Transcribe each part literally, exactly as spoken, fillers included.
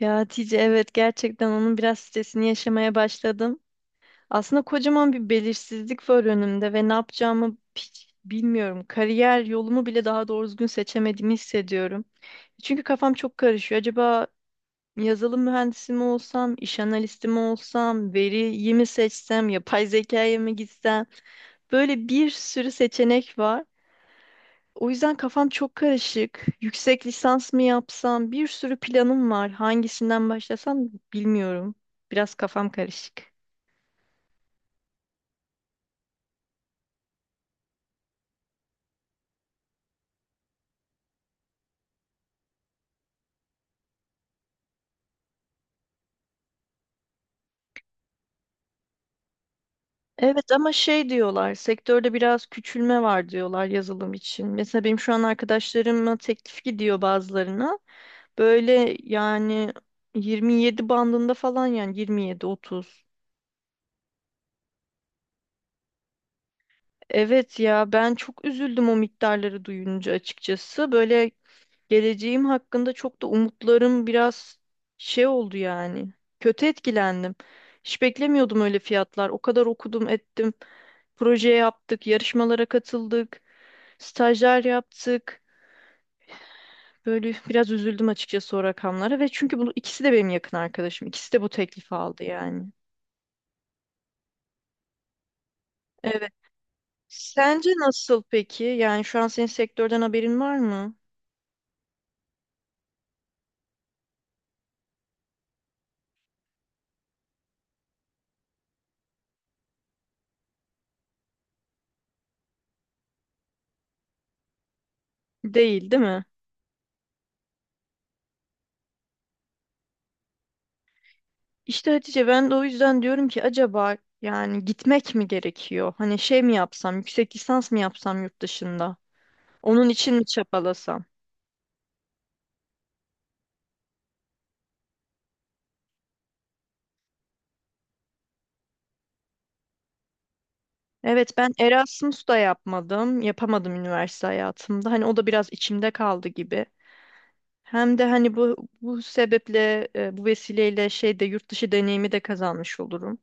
Ya Hatice evet gerçekten onun biraz stresini yaşamaya başladım. Aslında kocaman bir belirsizlik var önümde ve ne yapacağımı hiç bilmiyorum. Kariyer yolumu bile daha doğru düzgün seçemediğimi hissediyorum. Çünkü kafam çok karışıyor. Acaba yazılım mühendisi mi olsam, iş analisti mi olsam, veriyi mi seçsem, yapay zekaya mı gitsem? Böyle bir sürü seçenek var. O yüzden kafam çok karışık. Yüksek lisans mı yapsam? Bir sürü planım var. Hangisinden başlasam bilmiyorum. Biraz kafam karışık. Evet ama şey diyorlar, sektörde biraz küçülme var diyorlar yazılım için. Mesela benim şu an arkadaşlarıma teklif gidiyor bazılarına. Böyle yani yirmi yedi bandında falan yani yirmi yedi otuz. Evet ya ben çok üzüldüm o miktarları duyunca açıkçası. Böyle geleceğim hakkında çok da umutlarım biraz şey oldu yani. Kötü etkilendim. Hiç beklemiyordum öyle fiyatlar. O kadar okudum, ettim. Proje yaptık, yarışmalara katıldık, stajlar yaptık. Böyle biraz üzüldüm açıkçası o rakamlara ve çünkü bunu ikisi de benim yakın arkadaşım. İkisi de bu teklifi aldı yani. Evet. Sence nasıl peki? Yani şu an senin sektörden haberin var mı? Değil, değil mi? İşte Hatice ben de o yüzden diyorum ki acaba yani gitmek mi gerekiyor? Hani şey mi yapsam, yüksek lisans mı yapsam yurt dışında? Onun için mi çabalasam? Evet ben Erasmus da yapmadım, yapamadım üniversite hayatımda. Hani o da biraz içimde kaldı gibi. Hem de hani bu bu sebeple, e, bu vesileyle şey de yurt dışı deneyimi de kazanmış olurum.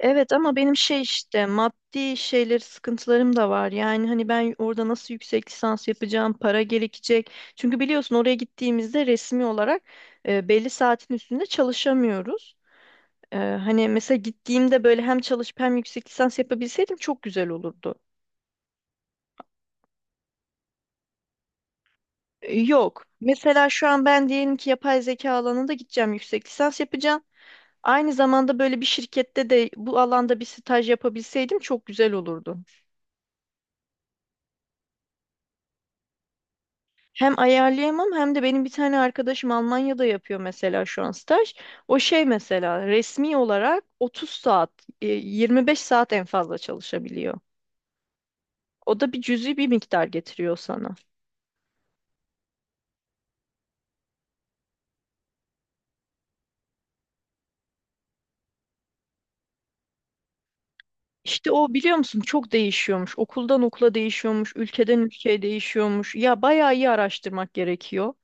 Evet ama benim şey işte maddi şeyleri sıkıntılarım da var. Yani hani ben orada nasıl yüksek lisans yapacağım, para gerekecek. Çünkü biliyorsun oraya gittiğimizde resmi olarak e, belli saatin üstünde çalışamıyoruz. E, hani mesela gittiğimde böyle hem çalışıp hem yüksek lisans yapabilseydim çok güzel olurdu. E, yok. Mesela şu an ben diyelim ki yapay zeka alanında gideceğim, yüksek lisans yapacağım. Aynı zamanda böyle bir şirkette de bu alanda bir staj yapabilseydim çok güzel olurdu. Hem ayarlayamam hem de benim bir tane arkadaşım Almanya'da yapıyor mesela şu an staj. O şey mesela resmi olarak otuz saat, e, yirmi beş saat en fazla çalışabiliyor. O da bir cüzi bir miktar getiriyor sana. İşte o biliyor musun çok değişiyormuş. Okuldan okula değişiyormuş, ülkeden ülkeye değişiyormuş. Ya bayağı iyi araştırmak gerekiyor.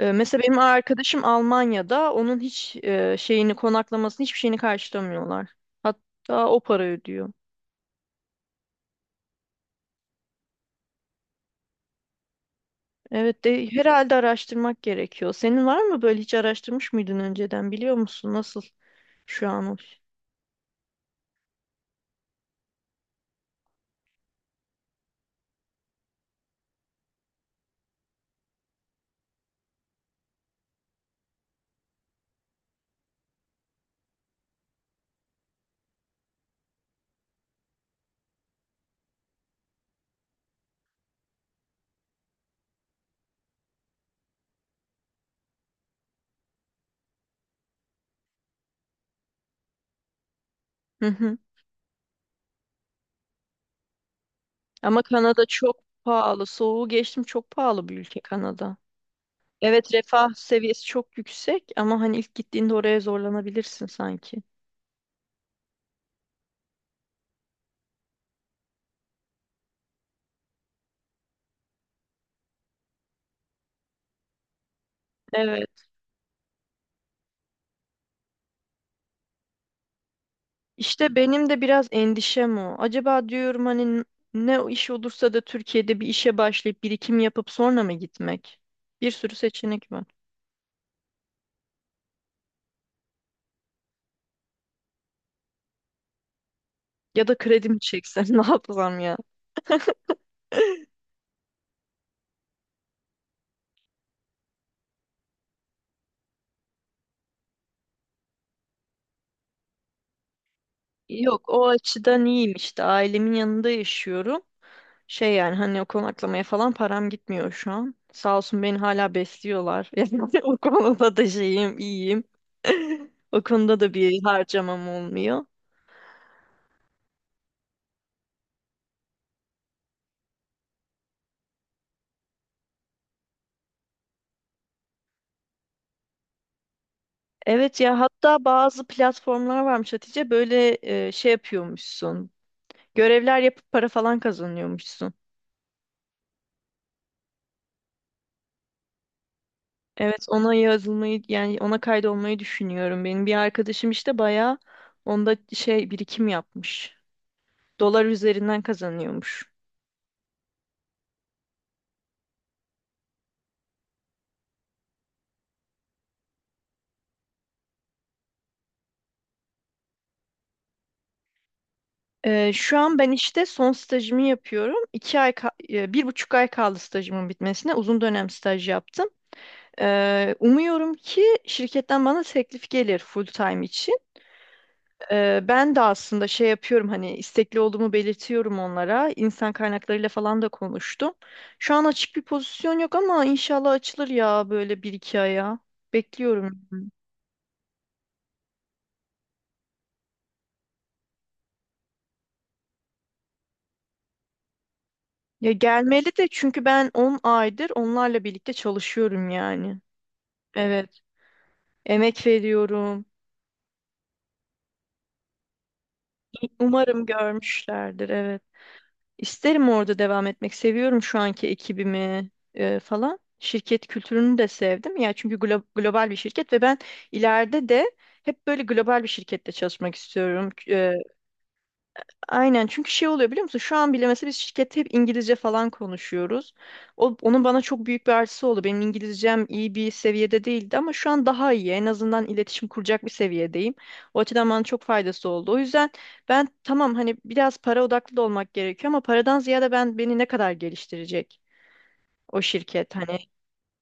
E, mesela benim arkadaşım Almanya'da onun hiç e, şeyini konaklamasını hiçbir şeyini karşılamıyorlar. Hatta o para ödüyor. Evet de herhalde araştırmak gerekiyor. Senin var mı böyle hiç araştırmış mıydın önceden biliyor musun nasıl şu an o? Hı hı. Ama Kanada çok pahalı. Soğuğu geçtim çok pahalı bir ülke Kanada. Evet refah seviyesi çok yüksek ama hani ilk gittiğinde oraya zorlanabilirsin sanki. Evet. İşte benim de biraz endişem o. Acaba diyorum hani n- ne o iş olursa da Türkiye'de bir işe başlayıp birikim yapıp sonra mı gitmek? Bir sürü seçenek var. Ya da kredi mi çeksem ne yapsam Yok o açıdan iyiyim işte ailemin yanında yaşıyorum. Şey yani hani o konaklamaya falan param gitmiyor şu an. Sağ olsun beni hala besliyorlar. Yani o konuda da şeyim iyiyim. O konuda da bir harcamam olmuyor. Evet ya hatta bazı platformlar varmış Hatice böyle e, şey yapıyormuşsun. Görevler yapıp para falan kazanıyormuşsun. Evet ona yazılmayı yani ona kaydolmayı düşünüyorum. Benim bir arkadaşım işte bayağı onda şey birikim yapmış. Dolar üzerinden kazanıyormuş. Ee, şu an ben işte son stajımı yapıyorum. İki ay, ka- e, bir buçuk ay kaldı stajımın bitmesine. Uzun dönem staj yaptım. Ee, umuyorum ki şirketten bana teklif gelir full time için. Ee, ben de aslında şey yapıyorum hani istekli olduğumu belirtiyorum onlara. İnsan kaynaklarıyla falan da konuştum. Şu an açık bir pozisyon yok ama inşallah açılır ya böyle bir iki aya. Bekliyorum. Ya gelmeli de çünkü ben on aydır onlarla birlikte çalışıyorum yani. Evet. Emek veriyorum. Umarım görmüşlerdir. Evet. İsterim orada devam etmek. Seviyorum şu anki ekibimi e, falan. Şirket kültürünü de sevdim. Ya çünkü glo- global bir şirket ve ben ileride de hep böyle global bir şirkette çalışmak istiyorum. Aynen çünkü şey oluyor biliyor musun? Şu an bile mesela biz şirkette hep İngilizce falan konuşuyoruz. O, onun bana çok büyük bir artısı oldu. Benim İngilizcem iyi bir seviyede değildi ama şu an daha iyi. En azından iletişim kuracak bir seviyedeyim. O açıdan bana çok faydası oldu. O yüzden ben tamam hani biraz para odaklı da olmak gerekiyor ama paradan ziyade ben beni ne kadar geliştirecek o şirket hani.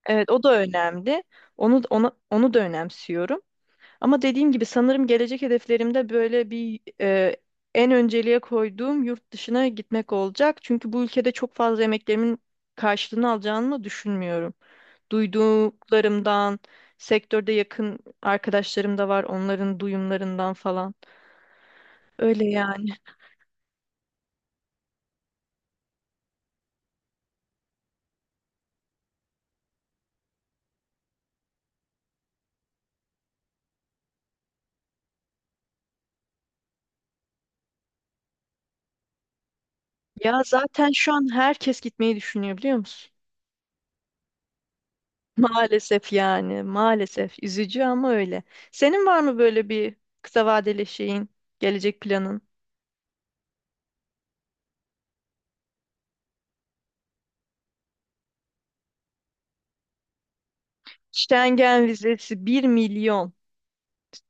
Evet o da önemli. Onu onu onu da önemsiyorum. Ama dediğim gibi sanırım gelecek hedeflerimde böyle bir e, en önceliğe koyduğum yurt dışına gitmek olacak. Çünkü bu ülkede çok fazla emeklerimin karşılığını alacağını düşünmüyorum. Duyduklarımdan, sektörde yakın arkadaşlarım da var, onların duyumlarından falan. Öyle yani. Ya zaten şu an herkes gitmeyi düşünüyor biliyor musun? Maalesef yani, maalesef. Üzücü ama öyle. Senin var mı böyle bir kısa vadeli şeyin, gelecek planın? Schengen vizesi bir milyon.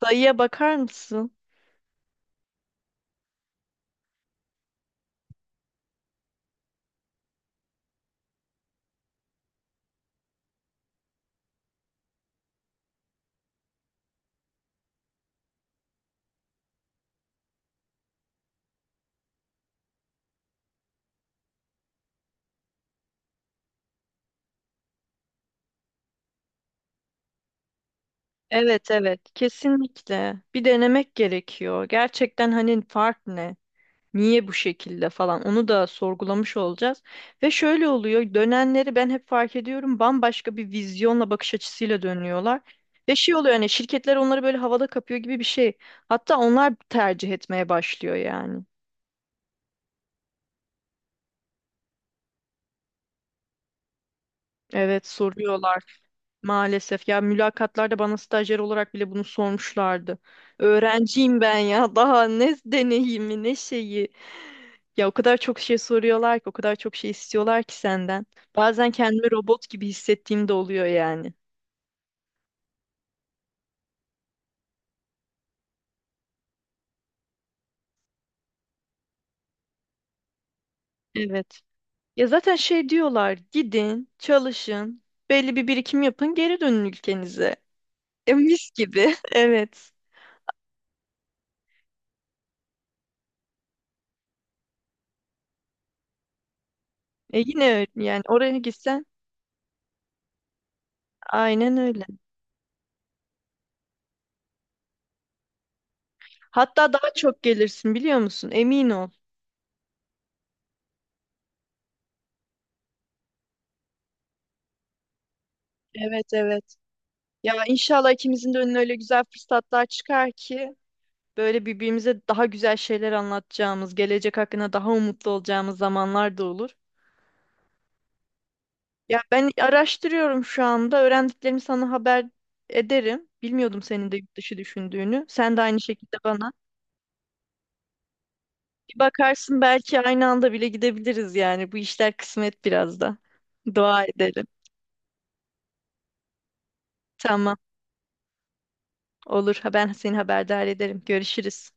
Sayıya bakar mısın? Evet evet kesinlikle. Bir denemek gerekiyor. Gerçekten hani fark ne? Niye bu şekilde falan onu da sorgulamış olacağız. Ve şöyle oluyor dönenleri ben hep fark ediyorum bambaşka bir vizyonla bakış açısıyla dönüyorlar. Ve şey oluyor hani şirketler onları böyle havada kapıyor gibi bir şey. Hatta onlar tercih etmeye başlıyor yani. Evet soruyorlar maalesef. Ya mülakatlarda bana stajyer olarak bile bunu sormuşlardı. Öğrenciyim ben ya daha ne deneyimi ne şeyi. Ya o kadar çok şey soruyorlar ki o kadar çok şey istiyorlar ki senden. Bazen kendimi robot gibi hissettiğim de oluyor yani. Evet. Ya zaten şey diyorlar gidin çalışın belli bir birikim yapın geri dönün ülkenize. E mis gibi evet. E yine öyle yani oraya gitsen aynen öyle. Hatta daha çok gelirsin biliyor musun? Emin ol. Evet evet. Ya inşallah ikimizin de önüne öyle güzel fırsatlar çıkar ki böyle birbirimize daha güzel şeyler anlatacağımız, gelecek hakkında daha umutlu olacağımız zamanlar da olur. Ya ben araştırıyorum şu anda. Öğrendiklerimi sana haber ederim. Bilmiyordum senin de yurt dışı düşündüğünü. Sen de aynı şekilde bana. Bir bakarsın belki aynı anda bile gidebiliriz yani. Bu işler kısmet biraz da. Dua edelim. Tamam, olur. Ha- Ben seni haberdar ederim. Görüşürüz.